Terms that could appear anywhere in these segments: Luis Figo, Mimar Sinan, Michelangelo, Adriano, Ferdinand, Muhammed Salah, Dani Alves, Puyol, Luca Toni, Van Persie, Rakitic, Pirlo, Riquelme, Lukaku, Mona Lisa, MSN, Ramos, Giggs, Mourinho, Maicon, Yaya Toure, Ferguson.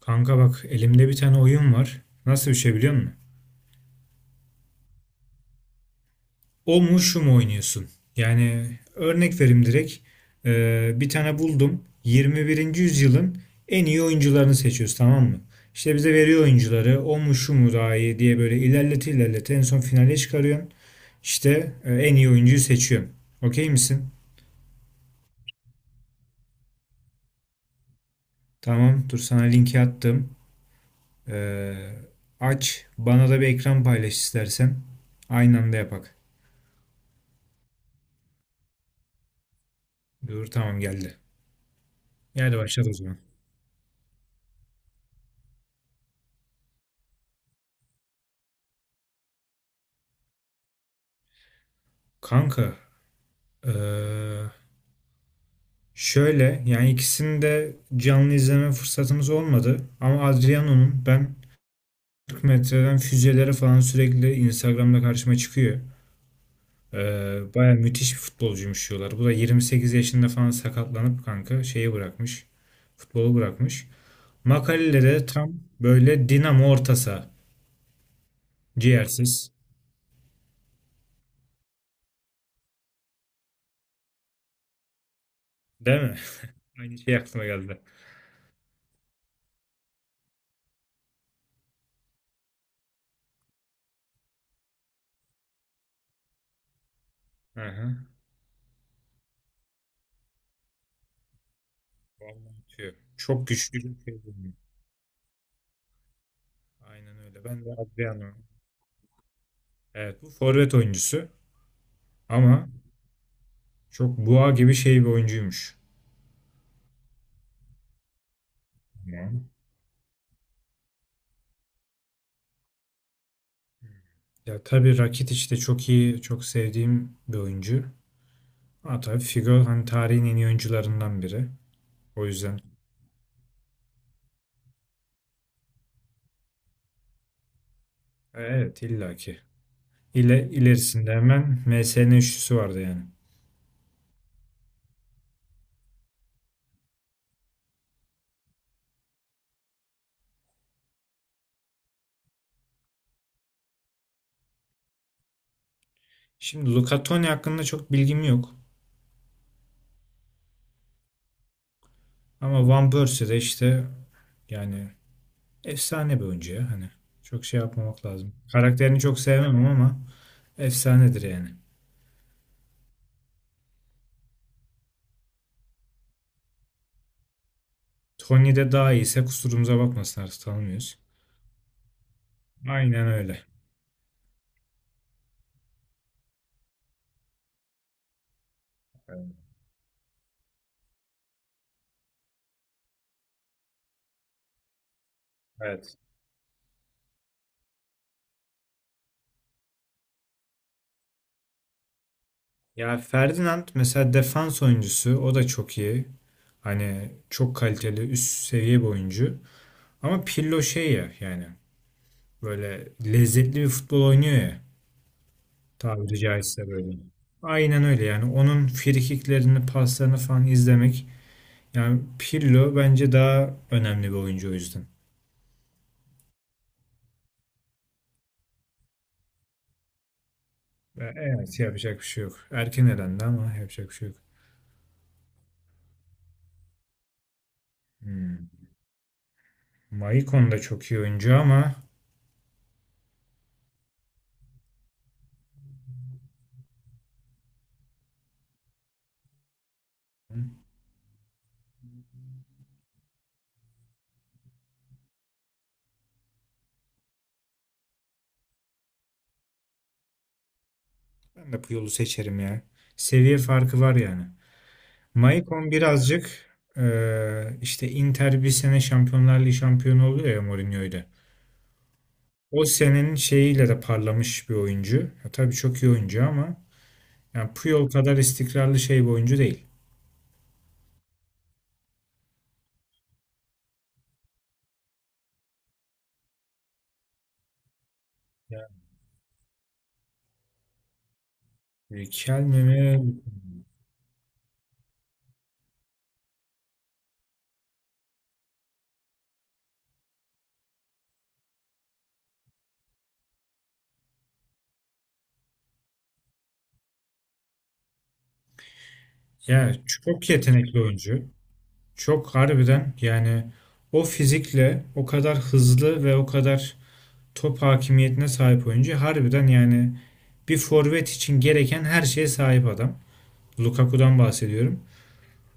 Kanka bak elimde bir tane oyun var. Nasıl bir şey biliyor musun? O mu şu mu oynuyorsun? Yani örnek vereyim direkt. Bir tane buldum. 21. yüzyılın en iyi oyuncularını seçiyoruz, tamam mı? İşte bize veriyor oyuncuları. O mu şu mu daha iyi diye böyle ilerlete ilerlete en son finale çıkarıyorsun. İşte en iyi oyuncuyu seçiyorsun. Okey misin? Tamam dur, sana linki attım. Ee, Aç bana da bir ekran paylaş istersen. Aynı anda yapak. Dur tamam, geldi. Yani başladı o zaman. Kanka, eee, şöyle yani ikisini de canlı izleme fırsatımız olmadı. Ama Adriano'nun ben 40 metreden füzelere falan sürekli Instagram'da karşıma çıkıyor. Baya müthiş bir futbolcuymuş diyorlar. Bu da 28 yaşında falan sakatlanıp kanka şeyi bırakmış. Futbolu bırakmış. Makalede de tam böyle dinamo orta saha. Ciğersiz. Değil mi? Aynı şey aklıma geldi. Aha. Vallahi atıyor. Çok güçlü bir şey bu. Aynen öyle. Ben de Adriano. Evet, bu forvet oyuncusu ama çok boğa gibi şey bir oyuncuymuş. Tamam. Ya tabii Rakitic de çok iyi, çok sevdiğim bir oyuncu. Ama tabii Figo hani tarihin en iyi oyuncularından biri. O yüzden evet, illaki. İlerisinde hemen MSN üçlüsü vardı yani. Şimdi Luca Toni hakkında çok bilgim yok. Ama Van Persie de işte yani efsane bir oyuncu ya. Hani çok şey yapmamak lazım. Karakterini çok sevmem ama efsanedir yani. Tony'de daha iyiyse kusurumuza bakmasın, artık tanımıyoruz. Aynen öyle. Evet. Ya Ferdinand mesela defans oyuncusu, o da çok iyi. Hani çok kaliteli üst seviye bir oyuncu. Ama Pirlo şey ya yani böyle lezzetli bir futbol oynuyor ya, tabiri caizse böyle. Aynen öyle, yani onun frikiklerini paslarını falan izlemek, yani Pirlo bence daha önemli bir oyuncu o yüzden. Evet, yapacak bir şey yok. Erken elendi ama yapacak bir şey yok. Hmm. Maicon da çok iyi oyuncu ama ben de Puyol'u seçerim ya. Seviye farkı var yani. Maicon birazcık işte Inter bir sene Şampiyonlar Ligi şampiyonu oluyor ya Mourinho'yla. O senenin şeyiyle de parlamış bir oyuncu. Ya, tabii çok iyi oyuncu ama yani Puyol kadar istikrarlı şey bir oyuncu değil. Yani Kelme mi? Ya çok yetenekli oyuncu. Çok harbiden yani o fizikle o kadar hızlı ve o kadar top hakimiyetine sahip oyuncu. Harbiden yani bir forvet için gereken her şeye sahip adam. Lukaku'dan bahsediyorum.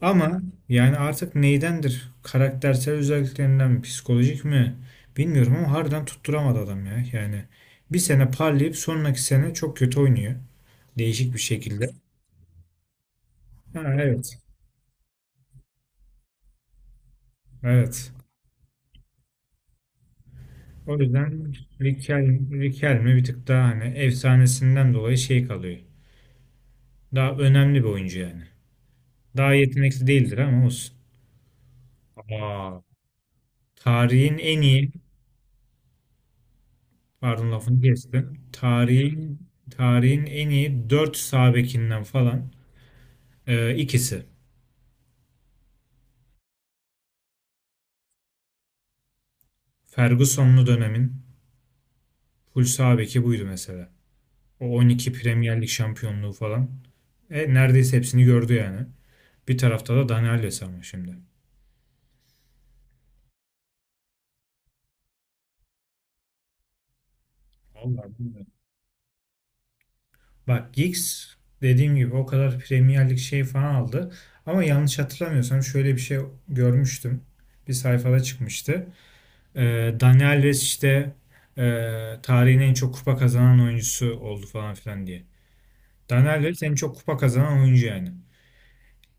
Ama yani artık neydendir? Karaktersel özelliklerinden mi, psikolojik mi? Bilmiyorum ama harbiden tutturamadı adam ya. Yani bir sene parlayıp sonraki sene çok kötü oynuyor. Değişik bir şekilde. Ha, evet. Evet. O yüzden Riquelme bir tık daha hani efsanesinden dolayı şey kalıyor. Daha önemli bir oyuncu yani. Daha yetenekli değildir ama olsun. Aa, tarihin en iyi, pardon lafını kestim. Tarihin en iyi 4 sağ bekinden falan ikisi. Ferguson'lu dönemin full sağ beki buydu mesela. O 12 Premier Lig şampiyonluğu falan. Neredeyse hepsini gördü yani. Bir tarafta da Dani Alves ama şimdi. Vallahi bilmiyorum. Bak Giggs dediğim gibi o kadar Premier Lig şey falan aldı. Ama yanlış hatırlamıyorsam şöyle bir şey görmüştüm. Bir sayfada çıkmıştı. Dani Alves işte e, tarihin en çok kupa kazanan oyuncusu oldu falan filan diye. Dani Alves en çok kupa kazanan oyuncu yani.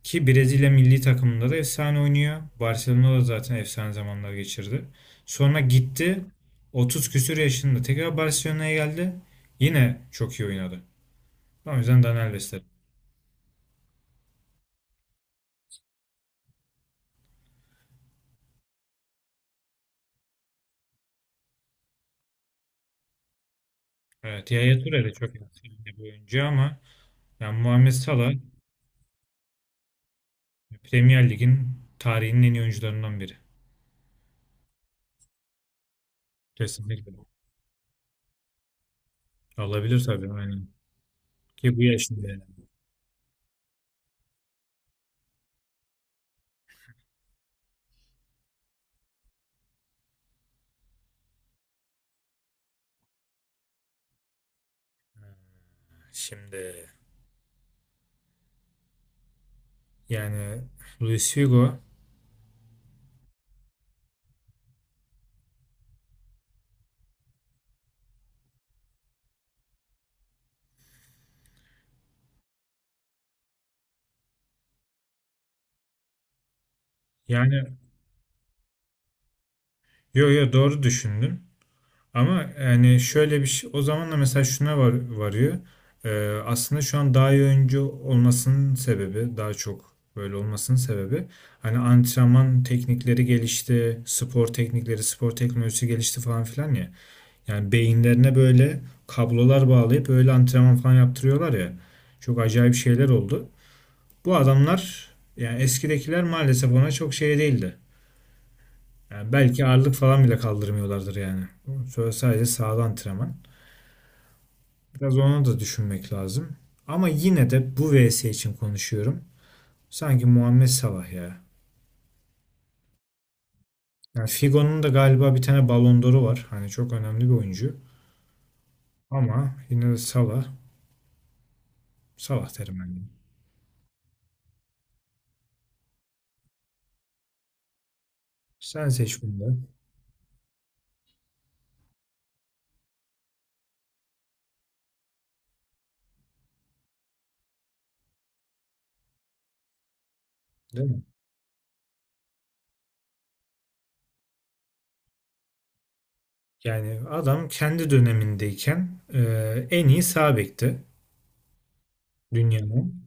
Ki Brezilya milli takımında da efsane oynuyor. Barcelona'da zaten efsane zamanlar geçirdi. Sonra gitti 30 küsür yaşında tekrar Barcelona'ya geldi. Yine çok iyi oynadı. O yüzden Dani Alves derim. Evet, Yaya Toure de çok iyi bir oyuncu ama yani Muhammed Salah Premier Lig'in tarihinin en iyi oyuncularından biri. Kesinlikle. Olabilir tabii, aynen. Ki bu ya şimdi. Şimdi yani Luis Figo, yani yo yo doğru düşündün. Ama yani şöyle bir şey, o zaman da mesela şuna varıyor. Aslında şu an daha iyi oyuncu olmasının sebebi, daha çok böyle olmasının sebebi hani antrenman teknikleri gelişti, spor teknikleri, spor teknolojisi gelişti falan filan ya. Yani beyinlerine böyle kablolar bağlayıp öyle antrenman falan yaptırıyorlar ya. Çok acayip şeyler oldu. Bu adamlar yani eskidekiler maalesef ona çok şey değildi. Yani belki ağırlık falan bile kaldırmıyorlardır yani. Sonra sadece sağda antrenman. Biraz onu da düşünmek lazım. Ama yine de bu vs için konuşuyorum. Sanki Muhammed Salah ya. Yani Figo'nun da galiba bir tane Ballon d'Or'u var. Hani çok önemli bir oyuncu. Ama yine de Salah. Salah derim ben, yine. Sen seç bunu. Değil mi? Yani adam kendi dönemindeyken e, en iyi sağ bekti dünyanın.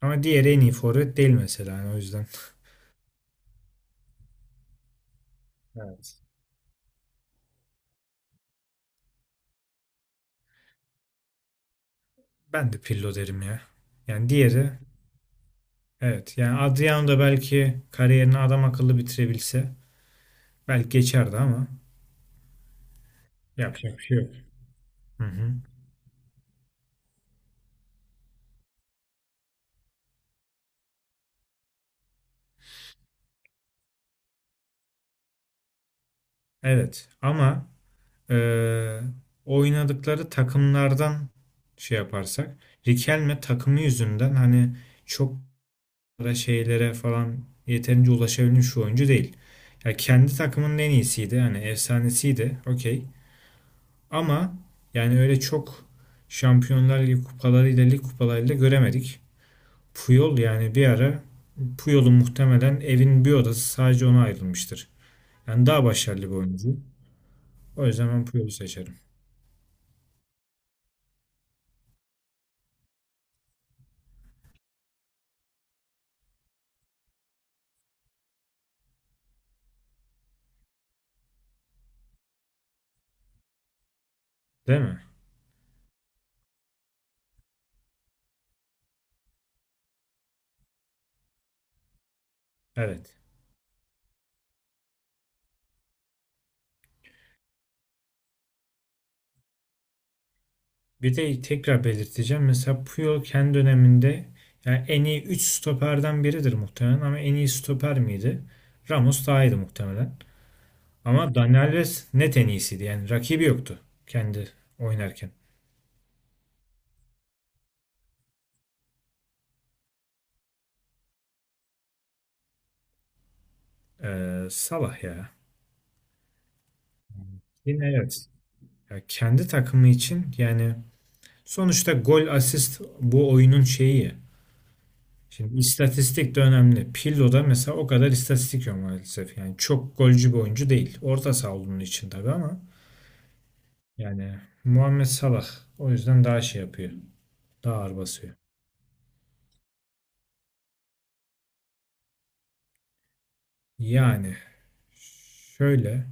Ama diğeri en iyi forvet değil mesela yani o yüzden. Evet. Ben de Pirlo derim ya. Yani diğeri, evet yani Adriano da belki kariyerini adam akıllı bitirebilse belki geçerdi ama yapacak bir şey yok. Hı hı. Evet ama eee, oynadıkları takımlardan şey yaparsak Riquelme takımı yüzünden hani çok da şeylere falan yeterince ulaşabilmiş şu oyuncu değil. Ya kendi takımının en iyisiydi. Hani efsanesiydi. Okey. Ama yani öyle çok Şampiyonlar Ligi kupalarıyla, lig kupalarıyla göremedik. Puyol yani bir ara, Puyol'un muhtemelen evin bir odası sadece ona ayrılmıştır. Yani daha başarılı bir oyuncu. O yüzden ben Puyol'u seçerim. Değil mi? Evet. Bir de tekrar belirteceğim. Mesela Puyol kendi döneminde yani en iyi 3 stoperden biridir muhtemelen ama en iyi stoper miydi? Ramos daha iyiydi muhtemelen. Ama Dani Alves net en iyisiydi. Yani rakibi yoktu kendi oynarken. Salah ya. Yine evet. Ya kendi takımı için yani sonuçta gol asist bu oyunun şeyi ya. Şimdi istatistik de önemli. Pirlo'da mesela o kadar istatistik yok maalesef. Yani çok golcü bir oyuncu değil. Orta saha olduğunun için tabii ama yani Muhammed Salah o yüzden daha şey yapıyor. Daha ağır basıyor. Yani şöyle,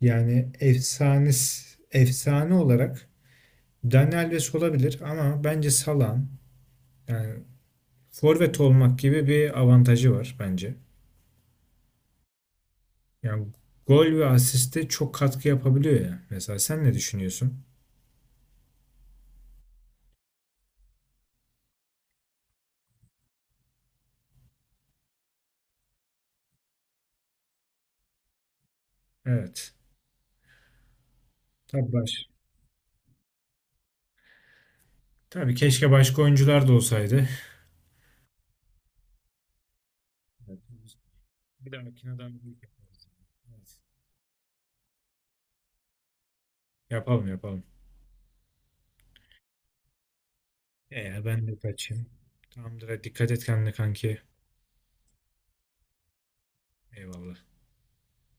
yani efsane olarak Daniel Alves olabilir ama bence Salah'ın yani forvet olmak gibi bir avantajı var bence. Yani gol ve asiste çok katkı yapabiliyor ya. Mesela sen ne düşünüyorsun? Evet. Tabii baş. Tabii keşke başka oyuncular da olsaydı. Evet. Bir dahakine daha büyük yaparız. Evet. Yapalım yapalım. Eğer ben de kaçayım. Tamamdır. Hadi dikkat et kendine kanki. Eyvallah.